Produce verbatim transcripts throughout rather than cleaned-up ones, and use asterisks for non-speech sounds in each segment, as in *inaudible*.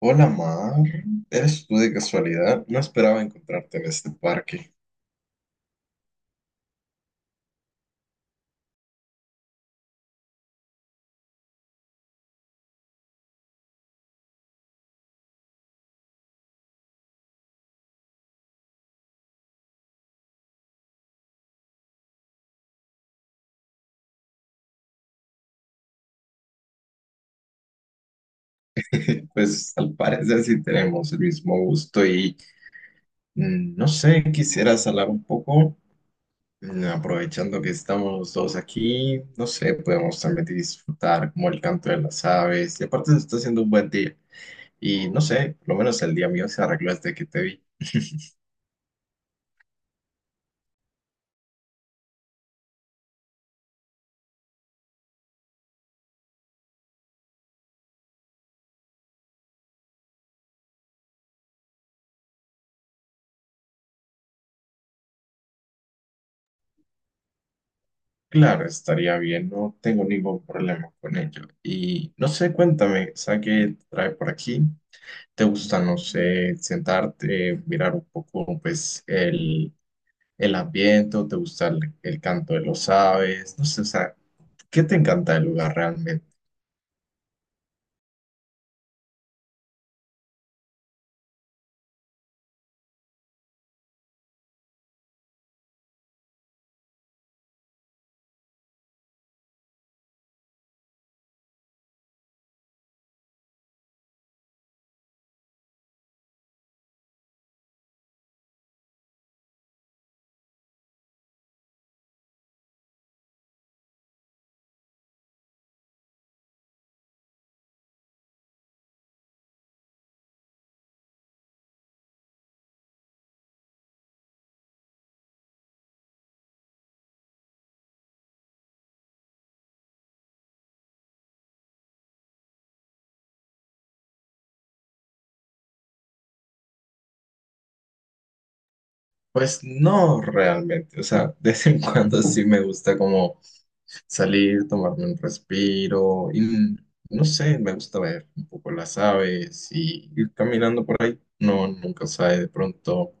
Hola Mar, ¿eres tú de casualidad? No esperaba encontrarte en este parque. *laughs* Pues al parecer sí tenemos el mismo gusto y mm, no sé, quisieras hablar un poco. Mm, aprovechando que estamos los dos aquí, no sé, podemos también disfrutar como el canto de las aves y aparte se está haciendo un buen día y no sé, por lo menos el día mío se arregló desde que te vi. Claro, estaría bien, no tengo ningún problema con ello. Y no sé, cuéntame, ¿sabes qué te trae por aquí? ¿Te gusta, no sé, sentarte, mirar un poco, pues, el, el ambiente? ¿O te gusta el, el canto de los aves? No sé, o sea, ¿qué te encanta del lugar realmente? Pues no realmente, o sea, de vez en cuando sí me gusta como salir, tomarme un respiro y mm, no sé, me gusta ver un poco las aves y ir caminando por ahí. No, nunca sabe, de pronto,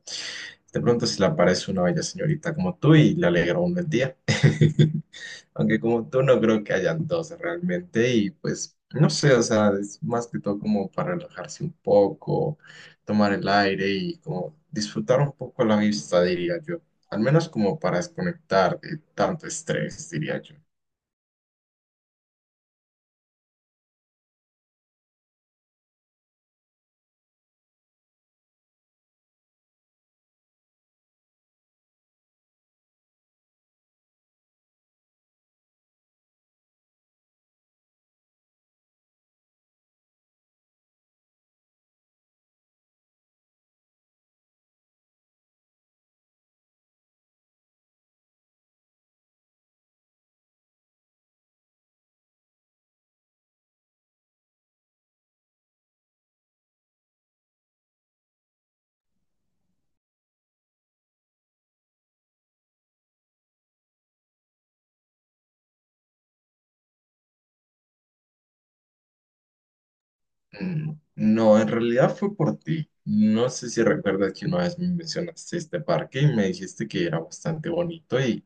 de pronto se le aparece una bella señorita como tú y le alegra un el día. *laughs* Aunque como tú no creo que hayan dos realmente y pues no sé, o sea, es más que todo como para relajarse un poco, tomar el aire y como disfrutar un poco la vista, diría yo. Al menos como para desconectar de tanto estrés, diría yo. Mm, No, en realidad fue por ti. No sé si recuerdas que una vez me mencionaste este parque y me dijiste que era bastante bonito y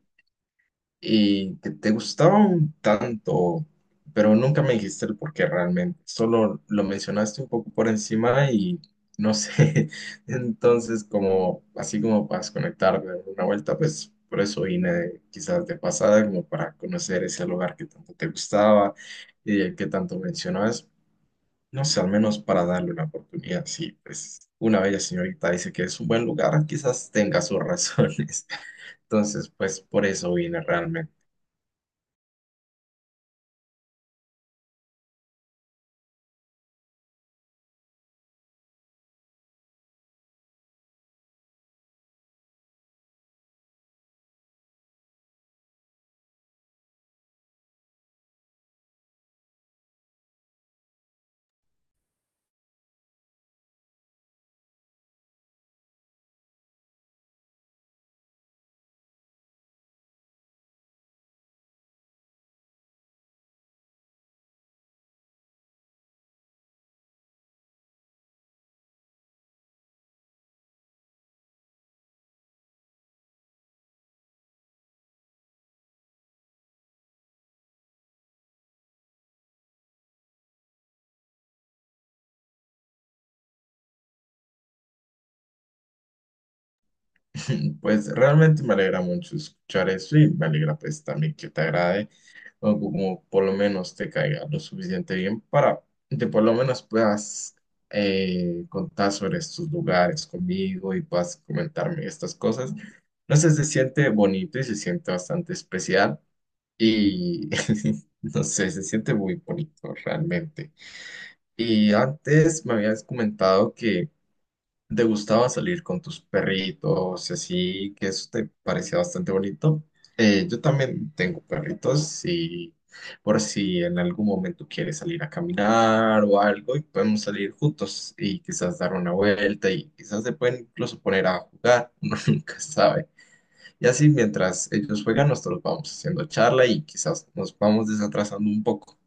y que te gustaba un tanto, pero nunca me dijiste el por qué realmente. Solo lo mencionaste un poco por encima y no sé. *laughs* Entonces, como así como para desconectar de una vuelta, pues por eso vine quizás de pasada, como para conocer ese lugar que tanto te gustaba y el que tanto mencionabas. No sé, al menos para darle una oportunidad. Sí, pues una bella señorita dice que es un buen lugar, quizás tenga sus razones. *laughs* Entonces, pues por eso vine realmente. *laughs* Pues realmente me alegra mucho escuchar eso y me alegra pues también que te agrade o como por lo menos te caiga lo suficiente bien para que por lo menos puedas eh, contar sobre estos lugares conmigo y puedas comentarme estas cosas. No sé, se siente bonito y se siente bastante especial y *laughs* no sé, se siente muy bonito realmente. Y antes me habías comentado que ¿te gustaba salir con tus perritos y así, que eso te parecía bastante bonito? Eh, yo también tengo perritos y por si en algún momento quieres salir a caminar o algo y podemos salir juntos y quizás dar una vuelta y quizás se pueden incluso poner a jugar, *laughs* uno nunca sabe. Y así mientras ellos juegan, nosotros vamos haciendo charla y quizás nos vamos desatrasando un poco.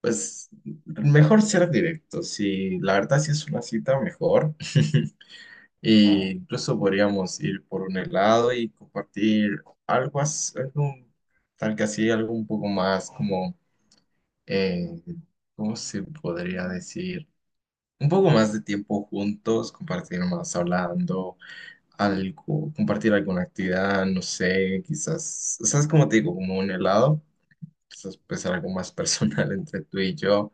Pues mejor ser directo, si la verdad si es una cita, mejor. *laughs* E incluso podríamos ir por un helado y compartir algo, as- algo tal que así, algo un poco más como, eh, ¿cómo se podría decir? Un poco más de tiempo juntos, compartir más hablando, algo, compartir alguna actividad, no sé, quizás, ¿sabes cómo te digo? Como un helado, quizás pues algo más personal *laughs* entre tú y yo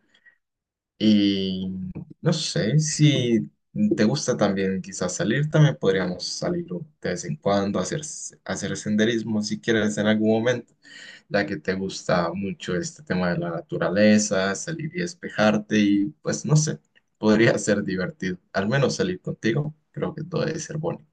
y no sé, si te gusta también quizás salir, también podríamos salir de vez en cuando, hacer, hacer senderismo si quieres en algún momento, ya que te gusta mucho este tema de la naturaleza, salir y despejarte y pues no sé, podría ser divertido. Al menos salir contigo, creo que todo debe ser bonito.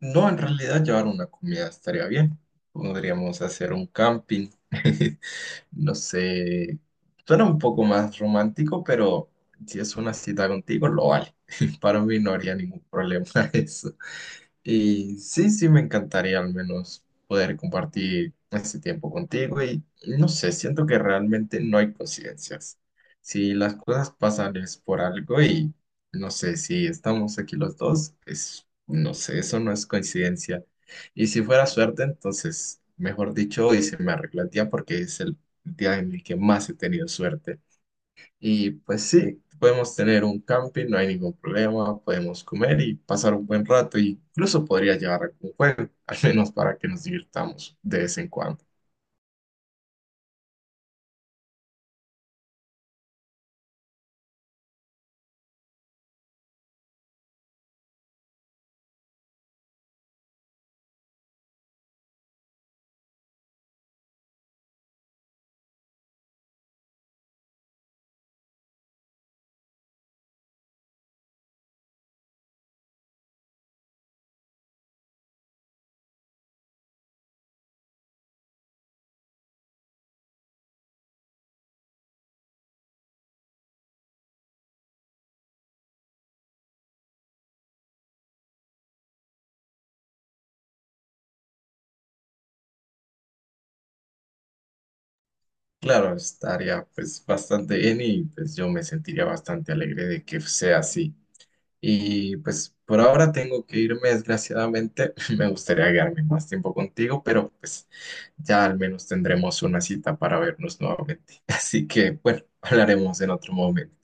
No, en realidad llevar una comida estaría bien. Podríamos hacer un camping. *laughs* No sé, suena un poco más romántico, pero si es una cita contigo, lo vale. *laughs* Para mí no haría ningún problema *laughs* eso. Y sí, sí, me encantaría al menos poder compartir este tiempo contigo y no sé, siento que realmente no hay coincidencias. Si las cosas pasan es por algo y no sé, si estamos aquí los dos, es, no sé, eso no es coincidencia. Y si fuera suerte, entonces, mejor dicho, hoy se me arregla el día porque es el día en el que más he tenido suerte. Y pues sí, podemos tener un camping, no hay ningún problema, podemos comer y pasar un buen rato, y incluso podría llevar algún juego, *laughs* al menos para que nos divirtamos de vez en cuando. Claro, estaría pues bastante bien y pues yo me sentiría bastante alegre de que sea así. Y pues por ahora tengo que irme, desgraciadamente. *laughs* Me gustaría quedarme más tiempo contigo, pero pues ya al menos tendremos una cita para vernos nuevamente. *laughs* Así que bueno, hablaremos en otro momento.